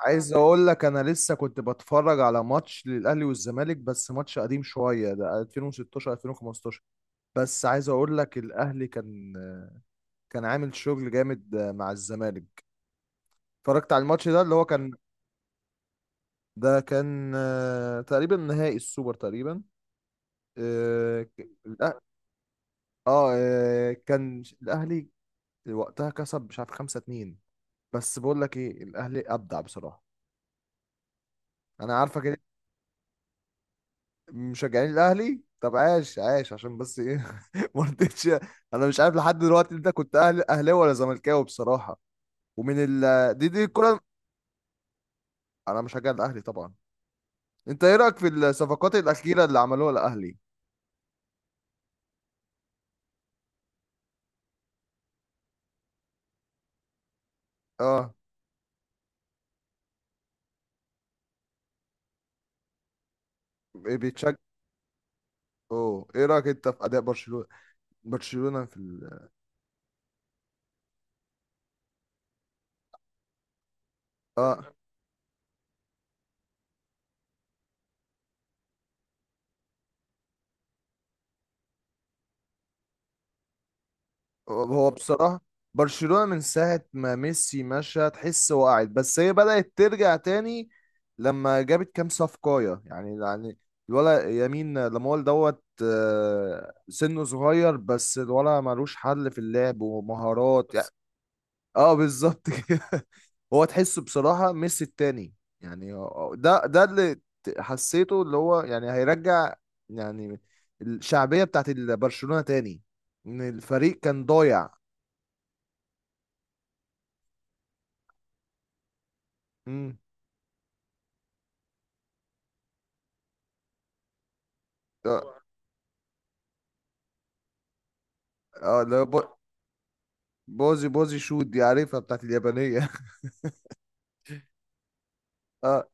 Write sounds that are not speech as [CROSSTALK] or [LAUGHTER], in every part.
عايز اقول لك انا لسه كنت بتفرج على ماتش للاهلي والزمالك، بس ماتش قديم شويه ده 2016 2015. بس عايز اقول لك الاهلي كان عامل شغل جامد مع الزمالك. اتفرجت على الماتش ده اللي هو كان ده كان، تقريبا نهائي السوبر تقريبا. اه ك- الأه- كان الاهلي وقتها كسب مش عارف 5-2. بس بقول لك ايه، الاهلي ابدع بصراحه. انا عارفك مشجعين الاهلي. طب عاش عاش عشان بس ايه [LAUGHS] ما رضيتش. انا مش عارف لحد دلوقتي انت كنت اهلاوي ولا زملكاوي بصراحه. ومن ال دي الكره. انا مشجع الاهلي طبعا. انت ايه رايك في الصفقات الاخيره اللي عملوها الاهلي؟ اه. إيه بيتشجع. اوه، ايه رايك انت في اداء برشلونه؟ برشلونه في ال... اه. هو بصراحة برشلونة من ساعة ما ميسي مشى تحس وقعت، بس هي بدأت ترجع تاني لما جابت كام صفقاية، يعني الولا يمين لامول دوت، سنه صغير بس الولا ملوش حل في اللعب ومهارات، يعني بس. اه بالظبط كده. [LAUGHS] هو تحسه بصراحة ميسي التاني، يعني ده اللي حسيته، اللي هو يعني هيرجع يعني الشعبية بتاعت برشلونة تاني. ان الفريق كان ضايع. امم. اه آه، اللي هو بوزي بوزي شوت، دي عارفها، بتاعت اليابانية. [LAUGHS] اه،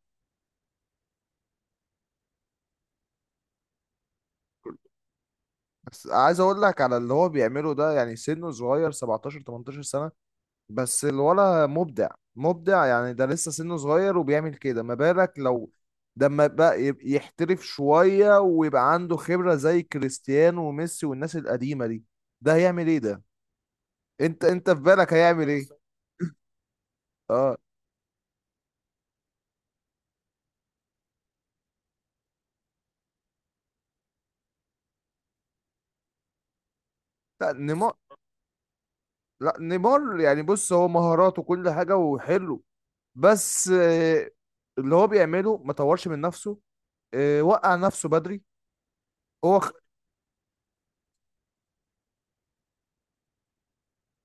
بس عايز اقول لك على اللي هو بيعمله ده، يعني سنه صغير 17 18 سنة بس الولا مبدع. مبدع يعني، ده لسه سنه صغير وبيعمل كده، ما بالك لو ده لما بقى يحترف شوية ويبقى عنده خبرة زي كريستيانو وميسي والناس القديمة دي. ده هيعمل ايه ده؟ انت في بالك هيعمل ايه؟ اه. لا نيمار. لا نيمار يعني، بص هو مهاراته كل حاجة وحلو، بس اللي هو بيعمله ما طورش من نفسه، وقع نفسه بدري. هو خ...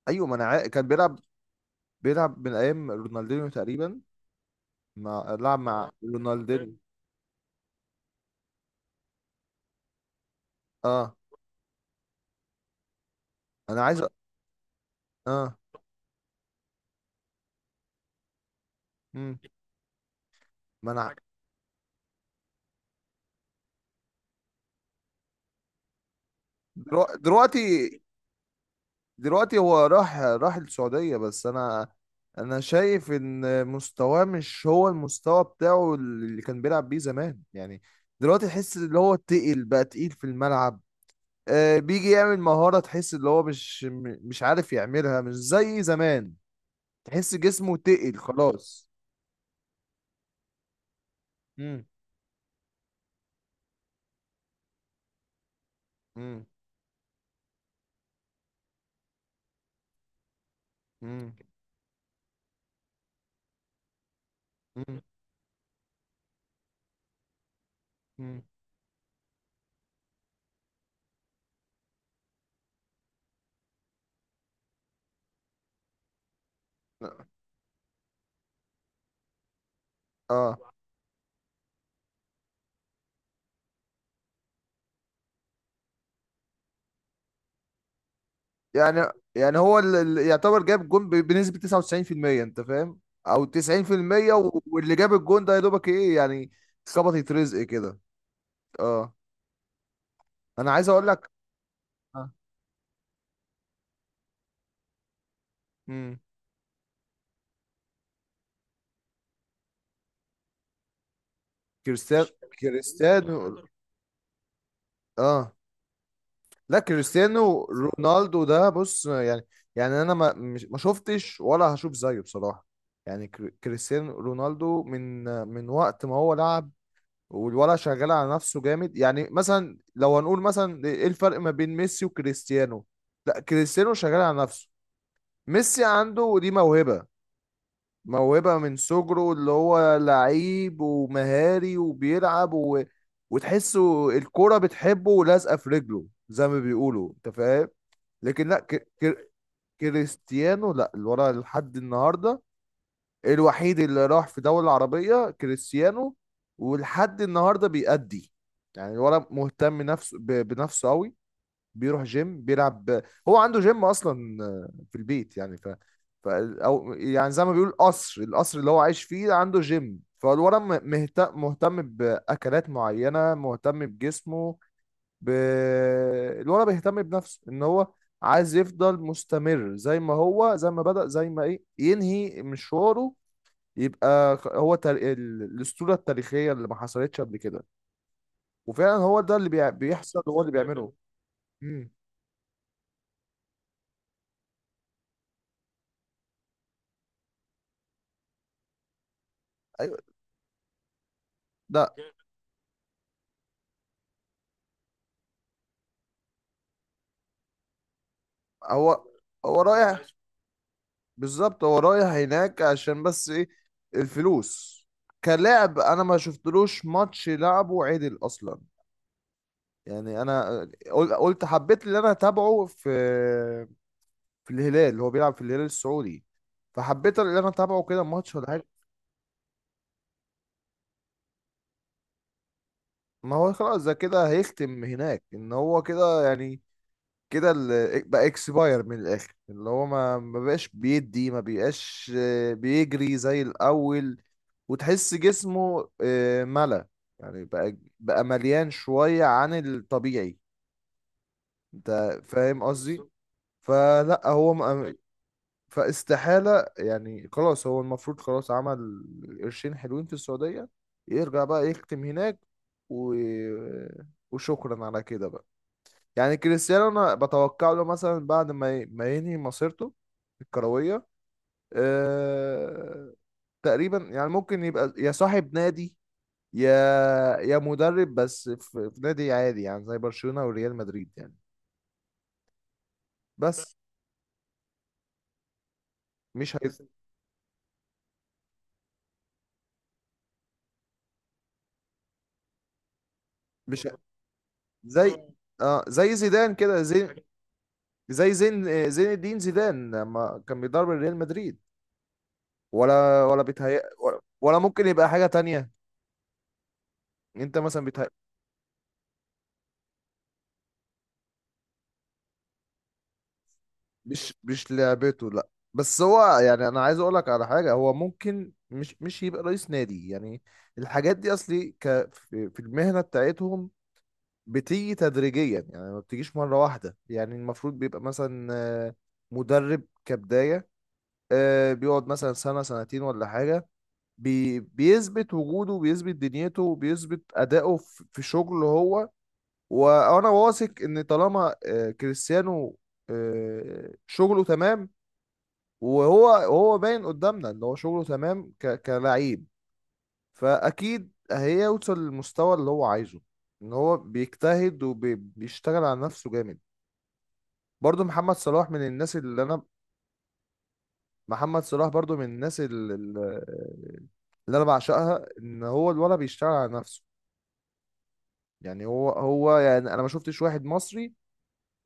ايوه، ما انا كان بيلعب. بيلعب من ايام رونالدينيو تقريبا، مع لعب مع رونالدينيو. اه انا عايز اه مم. ما انا حاجة. درو- دلوقتي دلوقتي هو راح السعودية، بس انا شايف ان مستواه مش هو المستوى بتاعه اللي كان بيلعب بيه زمان يعني. دلوقتي تحس اللي هو تقل بقى، تقيل في الملعب. بيجي يعمل مهارة تحس اللي هو مش عارف يعملها، مش زي زمان. تحس جسمه تقل خلاص. امم. مم. مم. مم. مم. اه. يعني يعني هو اللي يعتبر جاب جون بنسبة 99%، انت فاهم، او 90%. واللي جاب الجون ده يا دوبك ايه يعني. خبطت رزق كده. اه انا عايز اقول لك. آه. مم. كريستيانو. كريستيانو. اه، لا كريستيانو رونالدو ده، بص يعني، يعني انا ما شفتش ولا هشوف زيه بصراحة. يعني كريستيانو رونالدو من وقت ما هو لعب، والولا شغال على نفسه جامد. يعني مثلا لو هنقول مثلا ايه الفرق ما بين ميسي وكريستيانو، لا كريستيانو شغال على نفسه، ميسي عنده دي موهبة. موهبة من صغره، اللي هو لعيب ومهاري وبيلعب وتحسه الكرة بتحبه ولازقة في رجله زي ما بيقولوا، انت فاهم. لكن لا كريستيانو لا، اللي ورا لحد النهارده، الوحيد اللي راح في دولة عربية كريستيانو. ولحد النهارده بيأدي، يعني الولد مهتم نفسه بنفسه قوي. بيروح جيم، بيلعب. هو عنده جيم اصلا في البيت، يعني ف... ف او يعني زي ما بيقول القصر اللي هو عايش فيه عنده جيم. فالولد مهتم باكلات معينه، مهتم بجسمه ب... الولد بيهتم بنفسه ان هو عايز يفضل مستمر زي ما هو، زي ما بدأ، زي ما ايه ينهي مشواره. يبقى خ- هو تار... ال- الأسطورة التاريخية اللي ما حصلتش قبل كده. وفعلا هو ده اللي بيحصل، وهو اللي بيعمله. امم. ايوه. ده هو هو رايح. بالظبط هو رايح هناك عشان بس ايه، الفلوس. كلاعب انا ما شفتلوش ماتش لعبه عدل اصلا، يعني انا قلت حبيت اللي انا اتابعه في الهلال، هو بيلعب في الهلال السعودي. فحبيت ان انا اتابعه كده ماتش ولا حاجه. ما هو خلاص ده كده هيختم هناك، ان هو كده يعني. كده ال- إيه، بقى اكسباير من الاخر، اللي هو ما بقاش بيدي، ما بقاش، بيجري زي الاول. وتحس جسمه، ملى. يعني بقى مليان شويه عن الطبيعي، انت فاهم قصدي. فلا هو فاستحالة، يعني خلاص هو المفروض خلاص عمل قرشين حلوين في السعودية، يرجع بقى يختم هناك و... وشكرا على كده بقى. يعني كريستيانو انا بتوقع له مثلا بعد ما ما ينهي مسيرته الكروية، أه... تقريبا يعني ممكن يبقى يا صاحب نادي يا مدرب. بس في نادي عادي يعني زي برشلونة وريال مدريد يعني. بس مش هي... مش هي... زي اه زي زيدان كده، زي زي زين الدين زيدان لما كان بيدرب ريال مدريد. ولا بيتهيأ، ولا ممكن يبقى حاجة تانية. انت مثلا بيتهيأ. مش لعبته. لا بس هو يعني انا عايز اقول لك على حاجة، هو ممكن مش يبقى رئيس نادي يعني. الحاجات دي اصلي في المهنة بتاعتهم بتيجي تدريجيا، يعني ما بتجيش مرة واحدة، يعني المفروض بيبقى مثلا آه، مدرب كبداية، بيقعد مثلا سنة سنتين ولا حاجة. بيثبت وجوده، وبيثبت دنيته، وبيثبت أدائه في شغله هو. وأنا واثق إن طالما كريستيانو شغله تمام، وهو باين قدامنا إن هو شغله تمام كلاعب. فأكيد هيوصل للمستوى اللي هو عايزه، إن هو بيجتهد وبيشتغل على نفسه جامد. برضو محمد صلاح من الناس اللي أنا محمد صلاح برضو من الناس اللي أنا بعشقها إن هو الولد بيشتغل على نفسه. يعني هو يعني انا ما شفتش واحد مصري،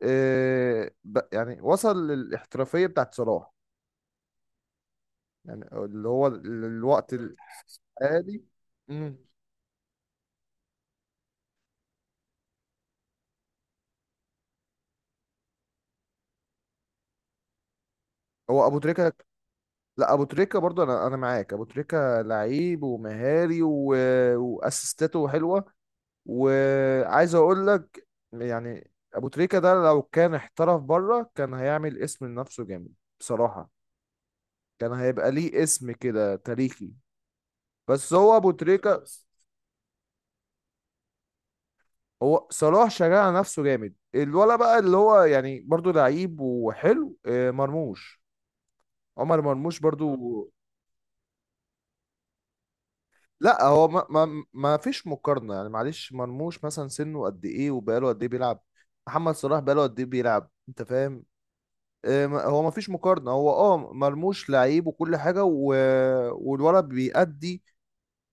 يعني وصل للاحترافية بتاعت صلاح، يعني اللي هو الوقت الحالي. مم. هو ابو تريكة. لا ابو تريكة برضه، انا معاك ابو تريكة لعيب ومهاري واسيستاته حلوة. وعايز اقول لك، يعني ابو تريكة ده لو كان احترف بره كان هيعمل اسم لنفسه جامد بصراحة، كان هيبقى ليه اسم كده تاريخي. بس هو ابو تريكة. هو صلاح شغال على نفسه جامد. الولا بقى اللي هو يعني برضو لعيب وحلو، عمر مرموش برضو. لا هو ما فيش مقارنة، يعني معلش مرموش مثلا سنه قد ايه وبقاله قد ايه بيلعب، محمد صلاح بقاله قد ايه بيلعب، انت فاهم. هو ما فيش مقارنة. هو مرموش لعيب وكل حاجة والولد بيأدي.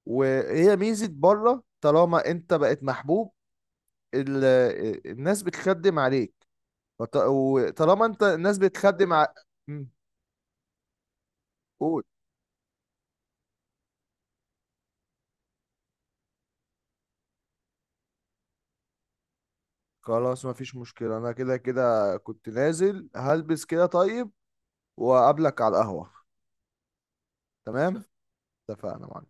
وهي ميزة بره، طالما انت بقت محبوب ال... الناس بتخدم عليك، وطالما انت الناس بتخدم مم. قول خلاص. ما فيش مشكلة. انا كده كده كنت نازل هلبس كده. طيب وأقابلك على القهوة. تمام. اتفقنا معاك.